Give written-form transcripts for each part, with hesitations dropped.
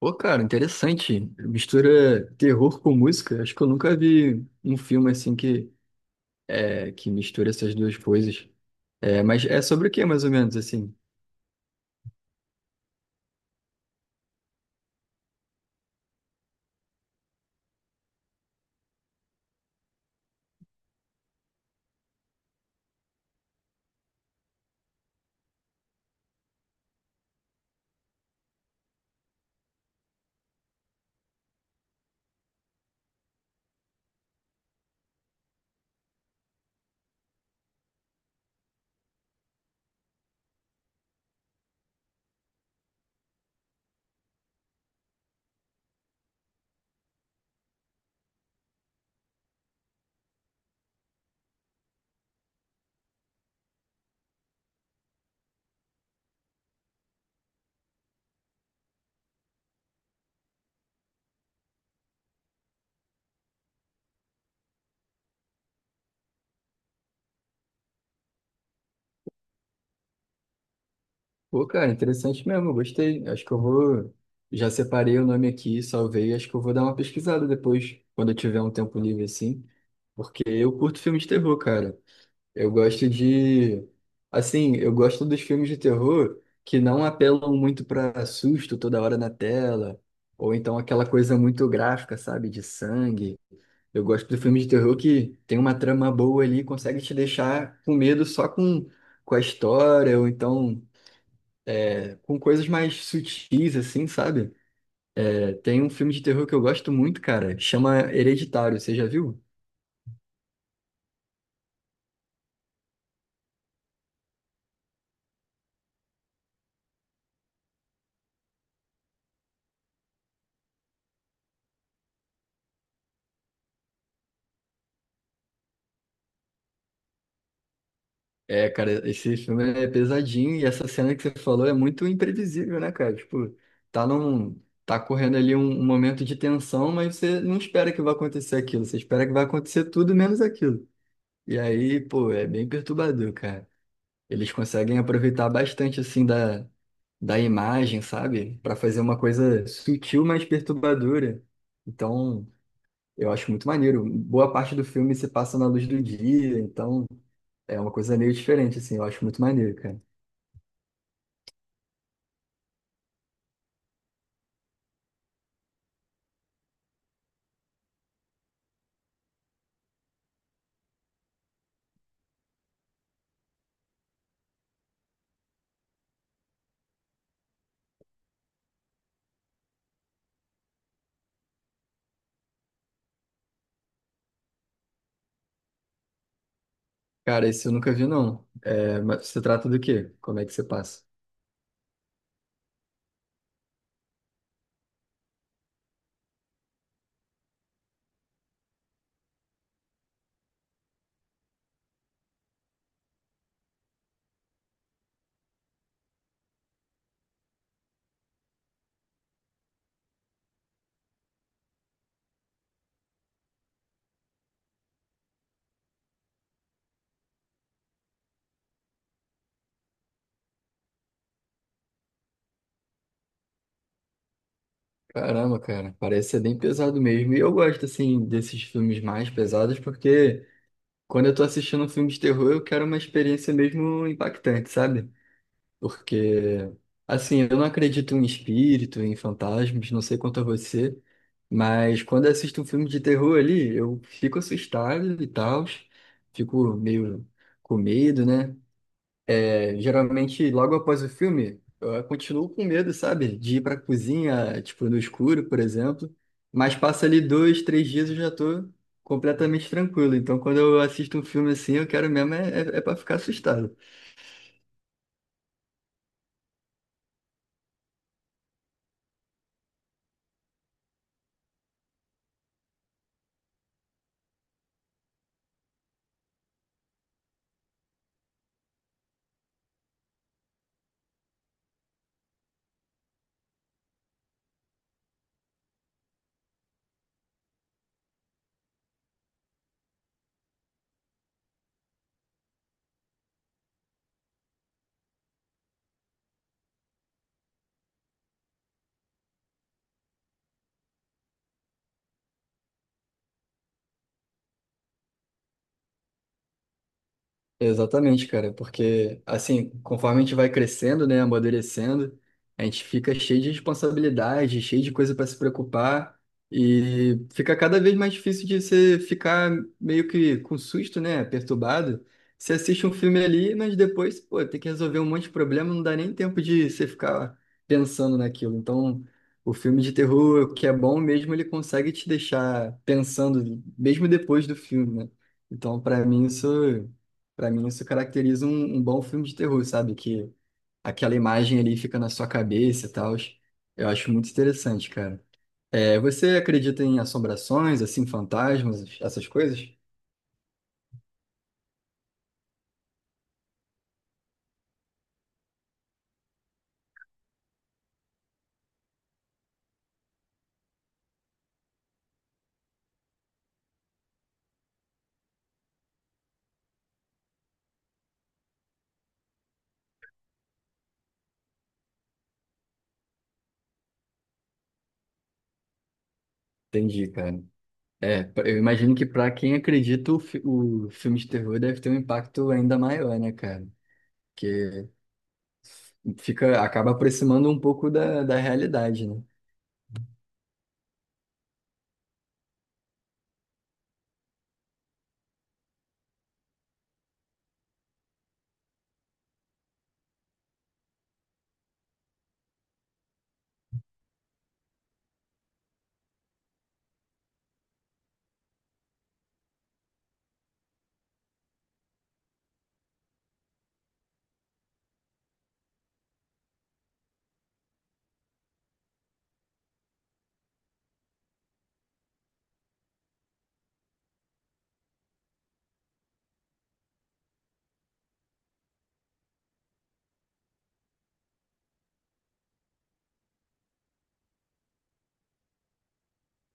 Pô, cara, interessante. Mistura terror com música. Acho que eu nunca vi um filme assim que, que mistura essas duas coisas. É, mas é sobre o que, mais ou menos, assim? Pô, cara, interessante mesmo, eu gostei. Acho que eu vou. Já separei o nome aqui, salvei. Acho que eu vou dar uma pesquisada depois, quando eu tiver um tempo livre, assim. Porque eu curto filme de terror, cara. Eu gosto de. Assim, eu gosto dos filmes de terror que não apelam muito para susto toda hora na tela, ou então aquela coisa muito gráfica, sabe, de sangue. Eu gosto do filme de terror que tem uma trama boa ali, consegue te deixar com medo só com a história, ou então com coisas mais sutis, assim, sabe? É, tem um filme de terror que eu gosto muito, cara, chama Hereditário, você já viu? É, cara, esse filme é pesadinho e essa cena que você falou é muito imprevisível, né, cara? Tipo, tá correndo ali um momento de tensão, mas você não espera que vai acontecer aquilo, você espera que vai acontecer tudo menos aquilo. E aí, pô, é bem perturbador, cara. Eles conseguem aproveitar bastante assim da imagem, sabe? Pra fazer uma coisa sutil, mas perturbadora. Então, eu acho muito maneiro. Boa parte do filme se passa na luz do dia, então é uma coisa meio diferente, assim. Eu acho muito maneiro, cara. Cara, esse eu nunca vi, não. É, mas se trata do quê? Como é que você passa? Caramba, cara, parece ser bem pesado mesmo. E eu gosto, assim, desses filmes mais pesados, porque quando eu tô assistindo um filme de terror, eu quero uma experiência mesmo impactante, sabe? Porque, assim, eu não acredito em espírito, em fantasmas, não sei quanto a você, mas quando eu assisto um filme de terror ali, eu fico assustado e tal, fico meio com medo, né? É, geralmente, logo após o filme, eu continuo com medo, sabe? De ir pra cozinha, tipo, no escuro, por exemplo, mas passa ali dois, três dias eu já tô completamente tranquilo. Então, quando eu assisto um filme assim, eu quero mesmo é pra ficar assustado. Exatamente, cara, porque assim, conforme a gente vai crescendo, né, amadurecendo, a gente fica cheio de responsabilidade, cheio de coisa para se preocupar e fica cada vez mais difícil de você ficar meio que com susto, né, perturbado. Você assiste um filme ali, mas depois, pô, tem que resolver um monte de problema, não dá nem tempo de você ficar pensando naquilo. Então, o filme de terror, que é bom mesmo, ele consegue te deixar pensando mesmo depois do filme, né? Então, para mim, isso. Para mim, isso caracteriza um bom filme de terror, sabe? Que aquela imagem ali fica na sua cabeça e tal. Eu acho muito interessante, cara. É, você acredita em assombrações, assim, fantasmas, essas coisas? Entendi, cara. Eu imagino que para quem acredita, o filme de terror deve ter um impacto ainda maior, né, cara? Porque fica, acaba aproximando um pouco da realidade, né?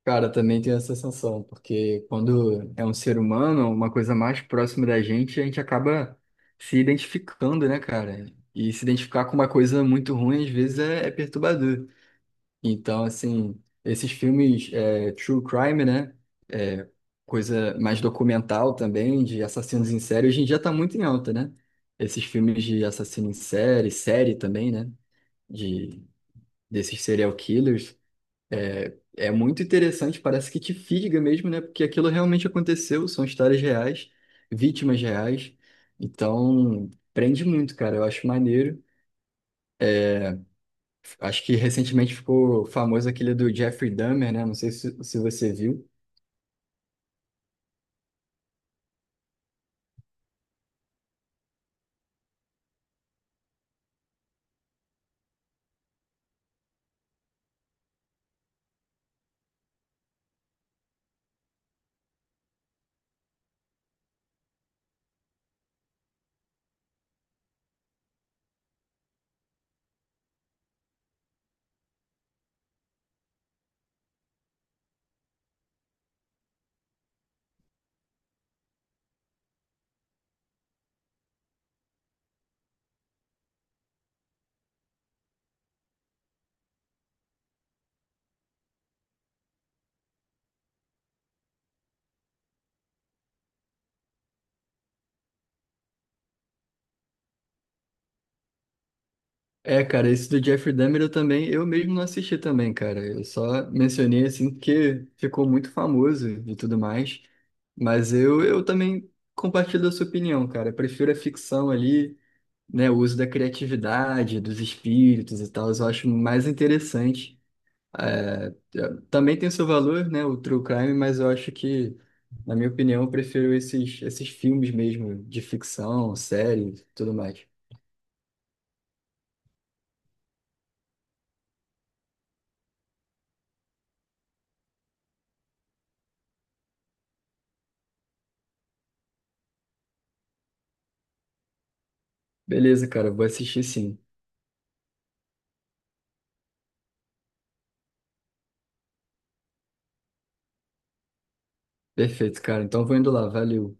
Cara, eu também tenho essa sensação, porque quando é um ser humano, uma coisa mais próxima da gente, a gente acaba se identificando, né, cara? E se identificar com uma coisa muito ruim, às vezes, é perturbador. Então, assim, esses filmes é, true crime, né? É, coisa mais documental também, de assassinos em série, hoje em dia tá muito em alta, né? Esses filmes de assassino em série, série também, né? De, desses serial killers. É, é muito interessante, parece que te fisga mesmo, né? Porque aquilo realmente aconteceu, são histórias reais, vítimas reais. Então, prende muito, cara. Eu acho maneiro. Acho que recentemente ficou famoso aquele do Jeffrey Dahmer, né? Não sei se, se você viu. É, cara, esse do Jeffrey Dahmer eu também, eu mesmo não assisti também, cara. Eu só mencionei assim porque ficou muito famoso e tudo mais. Mas eu também compartilho da sua opinião, cara. Eu prefiro a ficção ali, né, o uso da criatividade, dos espíritos e tal, eu acho mais interessante. É, também tem seu valor, né, o true crime, mas eu acho que, na minha opinião, eu prefiro esses, esses filmes mesmo, de ficção, série, tudo mais. Beleza, cara, vou assistir sim. Perfeito, cara. Então vou indo lá, valeu.